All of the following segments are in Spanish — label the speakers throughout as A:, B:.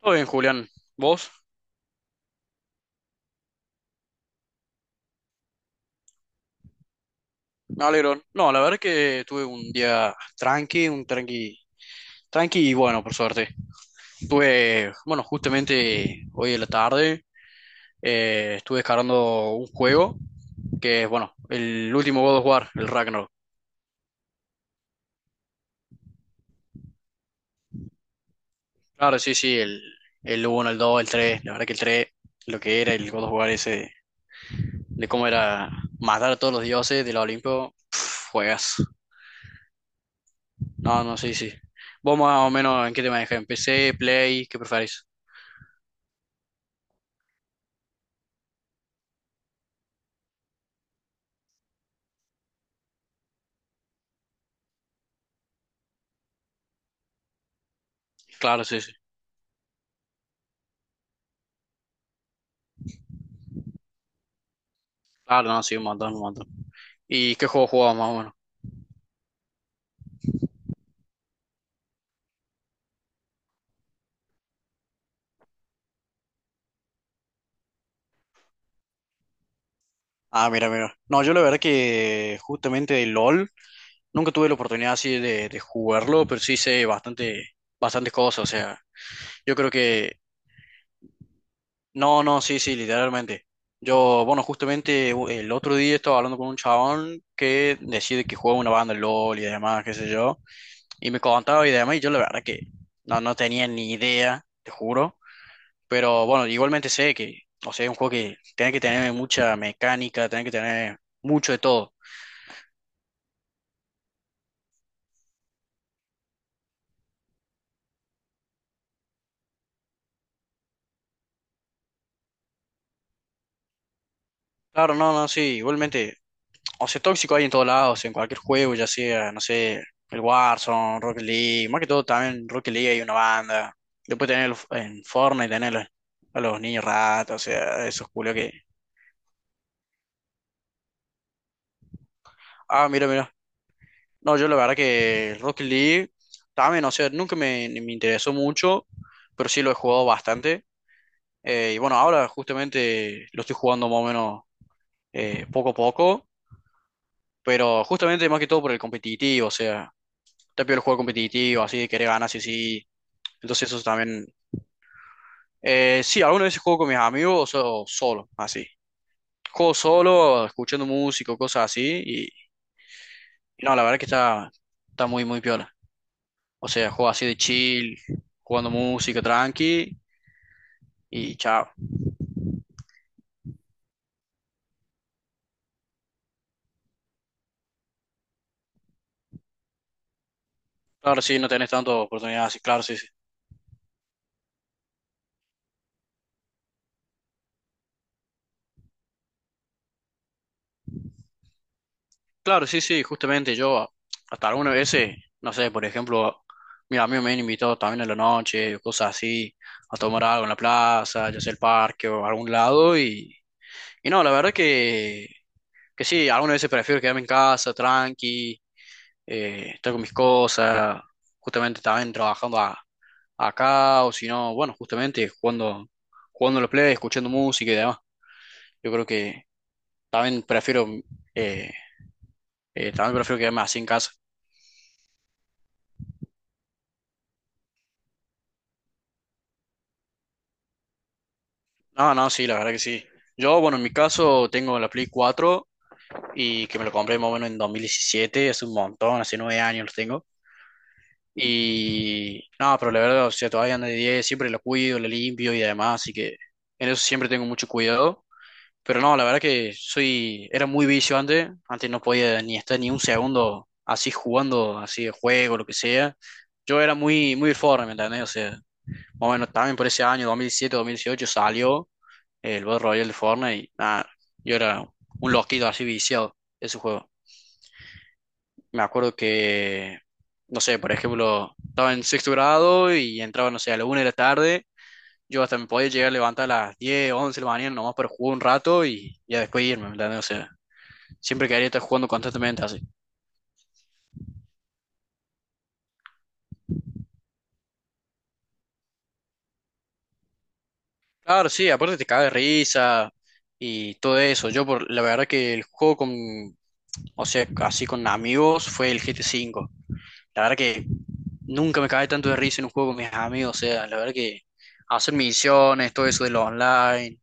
A: Todo bien, Julián. ¿Vos? Me alegro. No, la verdad que tuve un día tranqui, un tranqui, tranqui y bueno, por suerte. Bueno, justamente hoy en la tarde, estuve descargando un juego que es, bueno, el último God of War, el Ragnarok. Claro, sí, sí, el uno, el dos, el 3. La verdad que el 3, lo que era el God of War ese, de, cómo era matar a todos los dioses del Olimpo, juegas. No, no, sí, sí. ¿Vos más o menos en qué te manejas? ¿En PC, Play? ¿Qué preferís? Claro, sí, sí. Claro, no, sí, un montón, un montón. ¿Y qué juego jugaba más o menos? Ah, mira, mira. No, yo la verdad que justamente de LOL nunca tuve la oportunidad así de jugarlo, pero sí sé bastante, bastantes cosas. O sea, yo creo que. No, no, sí, sí, literalmente. Yo, bueno, justamente el otro día estaba hablando con un chabón que decide que juega una banda de LOL y demás, qué sé yo. Y me contaba y demás, y yo la verdad que no, no tenía ni idea, te juro. Pero bueno, igualmente sé que, o sea, es un juego que tiene que tener mucha mecánica, tiene que tener mucho de todo. Claro, no, no, sí, igualmente, o sea, tóxico hay en todos lados, en cualquier juego, ya sea, no sé, el Warzone, Rocket League, más que todo también en Rocket League hay una banda. Después tener en Fortnite, tener a los niños ratas, o sea, esos culos que. Ah, mira, mira. No, yo la verdad que Rocket League también, o sea, nunca me interesó mucho, pero sí lo he jugado bastante. Y bueno, ahora justamente lo estoy jugando más o menos, poco a poco, pero justamente más que todo por el competitivo, o sea, te pido el juego competitivo, así de querer ganar, sí, sí. Entonces eso también. Sí algunas veces juego con mis amigos o solo, así. Juego solo, escuchando música, o cosas así, y no, la verdad que está muy, muy piola. O sea, juego así de chill, jugando música tranqui, y chao. Claro, sí, no tenés tantas oportunidades, sí, claro, sí, sí. Claro, sí, sí, justamente yo hasta algunas veces, no sé, por ejemplo, mis amigos me han invitado también en la noche, o cosas así, a tomar algo en la plaza, ya sea el parque o algún lado, y no, la verdad que sí, algunas veces prefiero quedarme en casa, tranqui, estar con mis cosas, justamente también trabajando acá, o si no, bueno, justamente jugando a la play, escuchando música y demás. Yo creo que también prefiero, eh, también prefiero quedarme así en casa. No, no, sí, la verdad que sí. Yo, bueno, en mi caso tengo la Play 4 y que me lo compré más o menos en 2017, hace un montón, hace 9 años lo tengo. Y no, pero la verdad, o sea, todavía anda de diez, siempre la cuido, la limpio y demás, así que en eso siempre tengo mucho cuidado. Pero no, la verdad que era muy vicio antes no podía ni estar ni un segundo así jugando, así de juego, lo que sea. Yo era muy, muy Fortnite, ¿me entendés? O sea, más o menos también por ese año, 2007, 2018, salió el Battle Royale de Fortnite y nada, yo era un loquito así viciado de ese juego. Me acuerdo que, no sé, por ejemplo, estaba en sexto grado y entraba, no sé, a la una de la tarde. Yo hasta me podía llegar a levantar a las 10 11 de la mañana nomás para jugar un rato y ya después irme, ¿me entendés? O sea, siempre quedaría estar jugando constantemente así. Claro, sí, aparte te caga de risa y todo eso. Yo, por la verdad que el juego con, o sea, así con amigos fue el GT5. La verdad que nunca me cagué tanto de risa en un juego con mis amigos. O sea, la verdad que hacer misiones, todo eso de lo online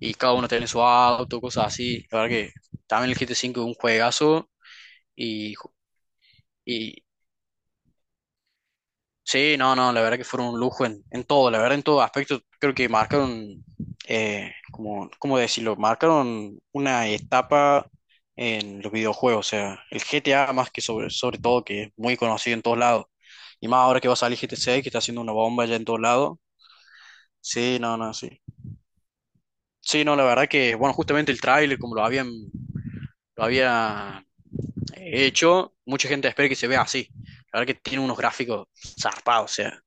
A: y cada uno tiene su auto, cosas así. La verdad que también el GT5 es un juegazo y, y sí, no, no, la verdad que fueron un lujo en todo, la verdad en todo aspecto. Creo que marcaron, como, ¿cómo decirlo? Marcaron una etapa en los videojuegos, o sea, el GTA más que sobre todo, que es muy conocido en todos lados. Y más ahora que va a salir GTA 6, que está haciendo una bomba ya en todos lados. Sí, no, no, sí. Sí, no, la verdad que, bueno, justamente el tráiler, como lo había hecho, mucha gente espera que se vea así. La verdad que tiene unos gráficos zarpados, o sea,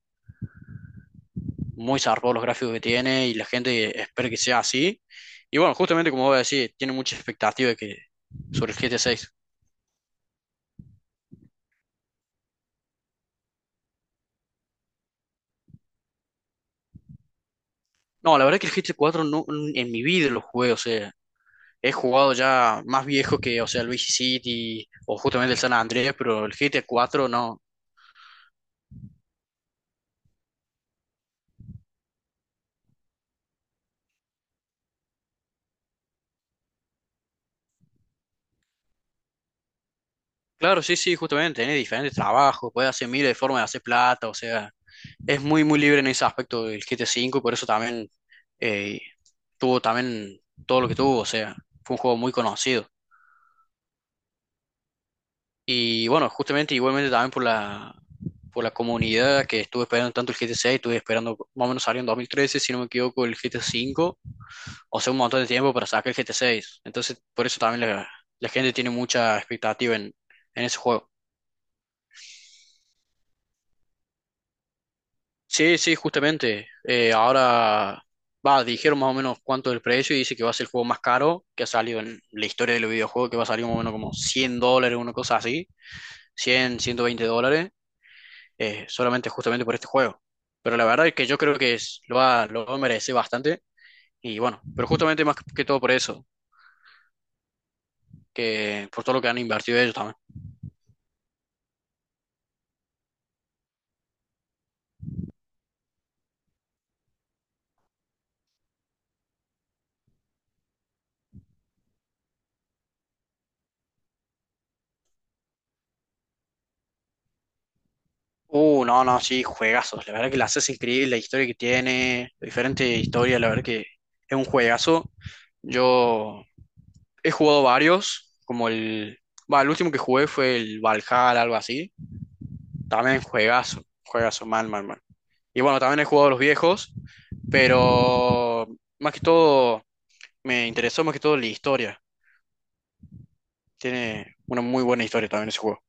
A: muy zarpados los gráficos que tiene y la gente espera que sea así. Y bueno, justamente como voy a decir, tiene mucha expectativa de que, sobre el G GTA seis. No, la verdad es que el G GTA 4 no, en mi vida lo jugué, o sea, he jugado ya más viejo que, o sea, el Vice City o justamente el San Andrés, pero el G GTA 4 no. Claro, sí, sí, justamente, tiene diferentes trabajos, puede hacer miles de formas de hacer plata, o sea, es muy, muy libre en ese aspecto del GTA 5 y por eso también, eh, tuvo también todo lo que tuvo, o sea, fue un juego muy conocido. Y bueno, justamente igualmente también por la comunidad, que estuve esperando tanto el G GTA seis, estuve esperando, más o menos salió en 2013, si no me equivoco, el G GTA cinco, o sea, un montón de tiempo para sacar el G GTA seis. Entonces, por eso también la gente tiene mucha expectativa en ese juego. Sí, sí, justamente. Ahora, va, dijeron más o menos cuánto es el precio y dice que va a ser el juego más caro que ha salido en la historia de los videojuegos, que va a salir más o menos como $100, una cosa así, 100, $120. Solamente justamente por este juego. Pero la verdad es que yo creo que lo merece bastante. Y bueno, pero justamente más que todo por eso, que por todo lo que han invertido ellos también. No, no, sí, juegazos. La verdad que la haces increíble, la historia que tiene, diferentes historias, la verdad que es un juegazo. Yo he jugado varios, como el, va, el último que jugué fue el Valhalla, algo así. También juegazo, juegazo, mal, mal, mal. Y bueno, también he jugado los viejos, pero más que todo me interesó más que todo la historia. Tiene una muy buena historia también ese juego.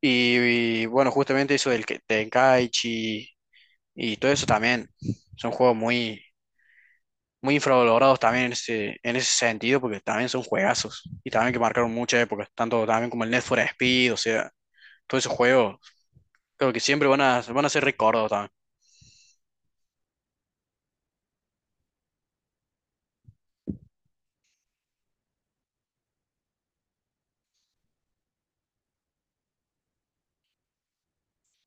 A: Y, bueno, justamente eso del Tenkaichi y todo eso también son juegos muy, muy infravalorados también en ese sentido, porque también son juegazos y también que marcaron muchas épocas, tanto también como el Need for Speed, o sea, todos esos juegos, creo que siempre van a ser recordados también.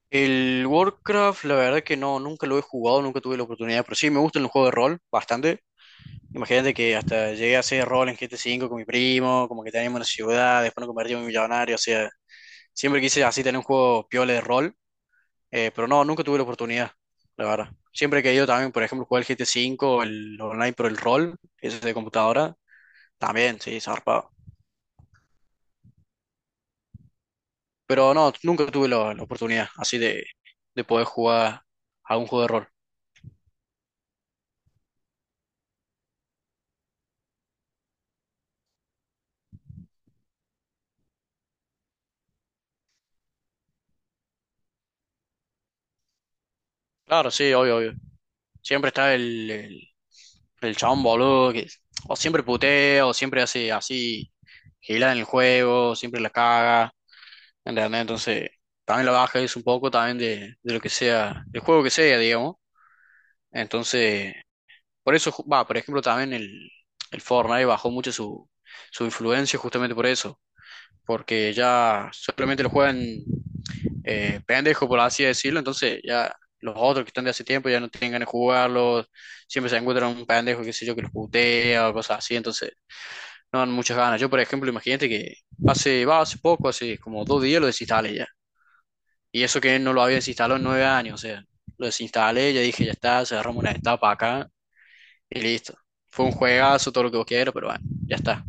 A: El Warcraft, la verdad que no, nunca lo he jugado, nunca tuve la oportunidad, pero sí me gustan los juegos de rol bastante. Imagínate que hasta llegué a hacer rol en GT5 con mi primo, como que teníamos una ciudad, después nos convertimos en millonario, o sea, siempre quise así tener un juego piola de rol, pero no, nunca tuve la oportunidad, la verdad. Siempre he querido también, por ejemplo, jugar el GT5, el online, pero el rol, ese de computadora, también, sí, zarpado. Pero no, nunca tuve la oportunidad así de poder jugar algún juego de rol. Claro, sí, obvio, obvio. Siempre está el chabón, boludo, que o siempre putea, o siempre hace así, gilada en el juego, siempre la caga, ¿entendés? Entonces, también la baja es un poco también de lo que sea, del juego que sea, digamos. Entonces, por eso, va, por ejemplo, también el Fortnite bajó mucho su influencia justamente por eso, porque ya solamente lo juegan, pendejo, por así decirlo. Entonces ya los otros que están de hace tiempo ya no tienen ganas de jugarlos. Siempre se encuentran un pendejo, qué sé yo, que los putea o cosas así. Entonces no dan muchas ganas. Yo, por ejemplo, imagínate que va, hace poco, hace como 2 días lo desinstalé ya. Y eso que no lo había desinstalado en 9 años. O sea, lo desinstalé, ya dije, ya está, cerramos una etapa acá y listo. Fue un juegazo, todo lo que vos quieras, pero bueno, ya está.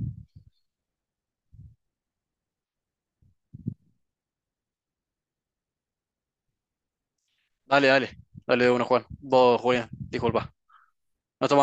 A: Dale, dale, dale de uno, Juan. Vos, Julián, disculpa. No estamos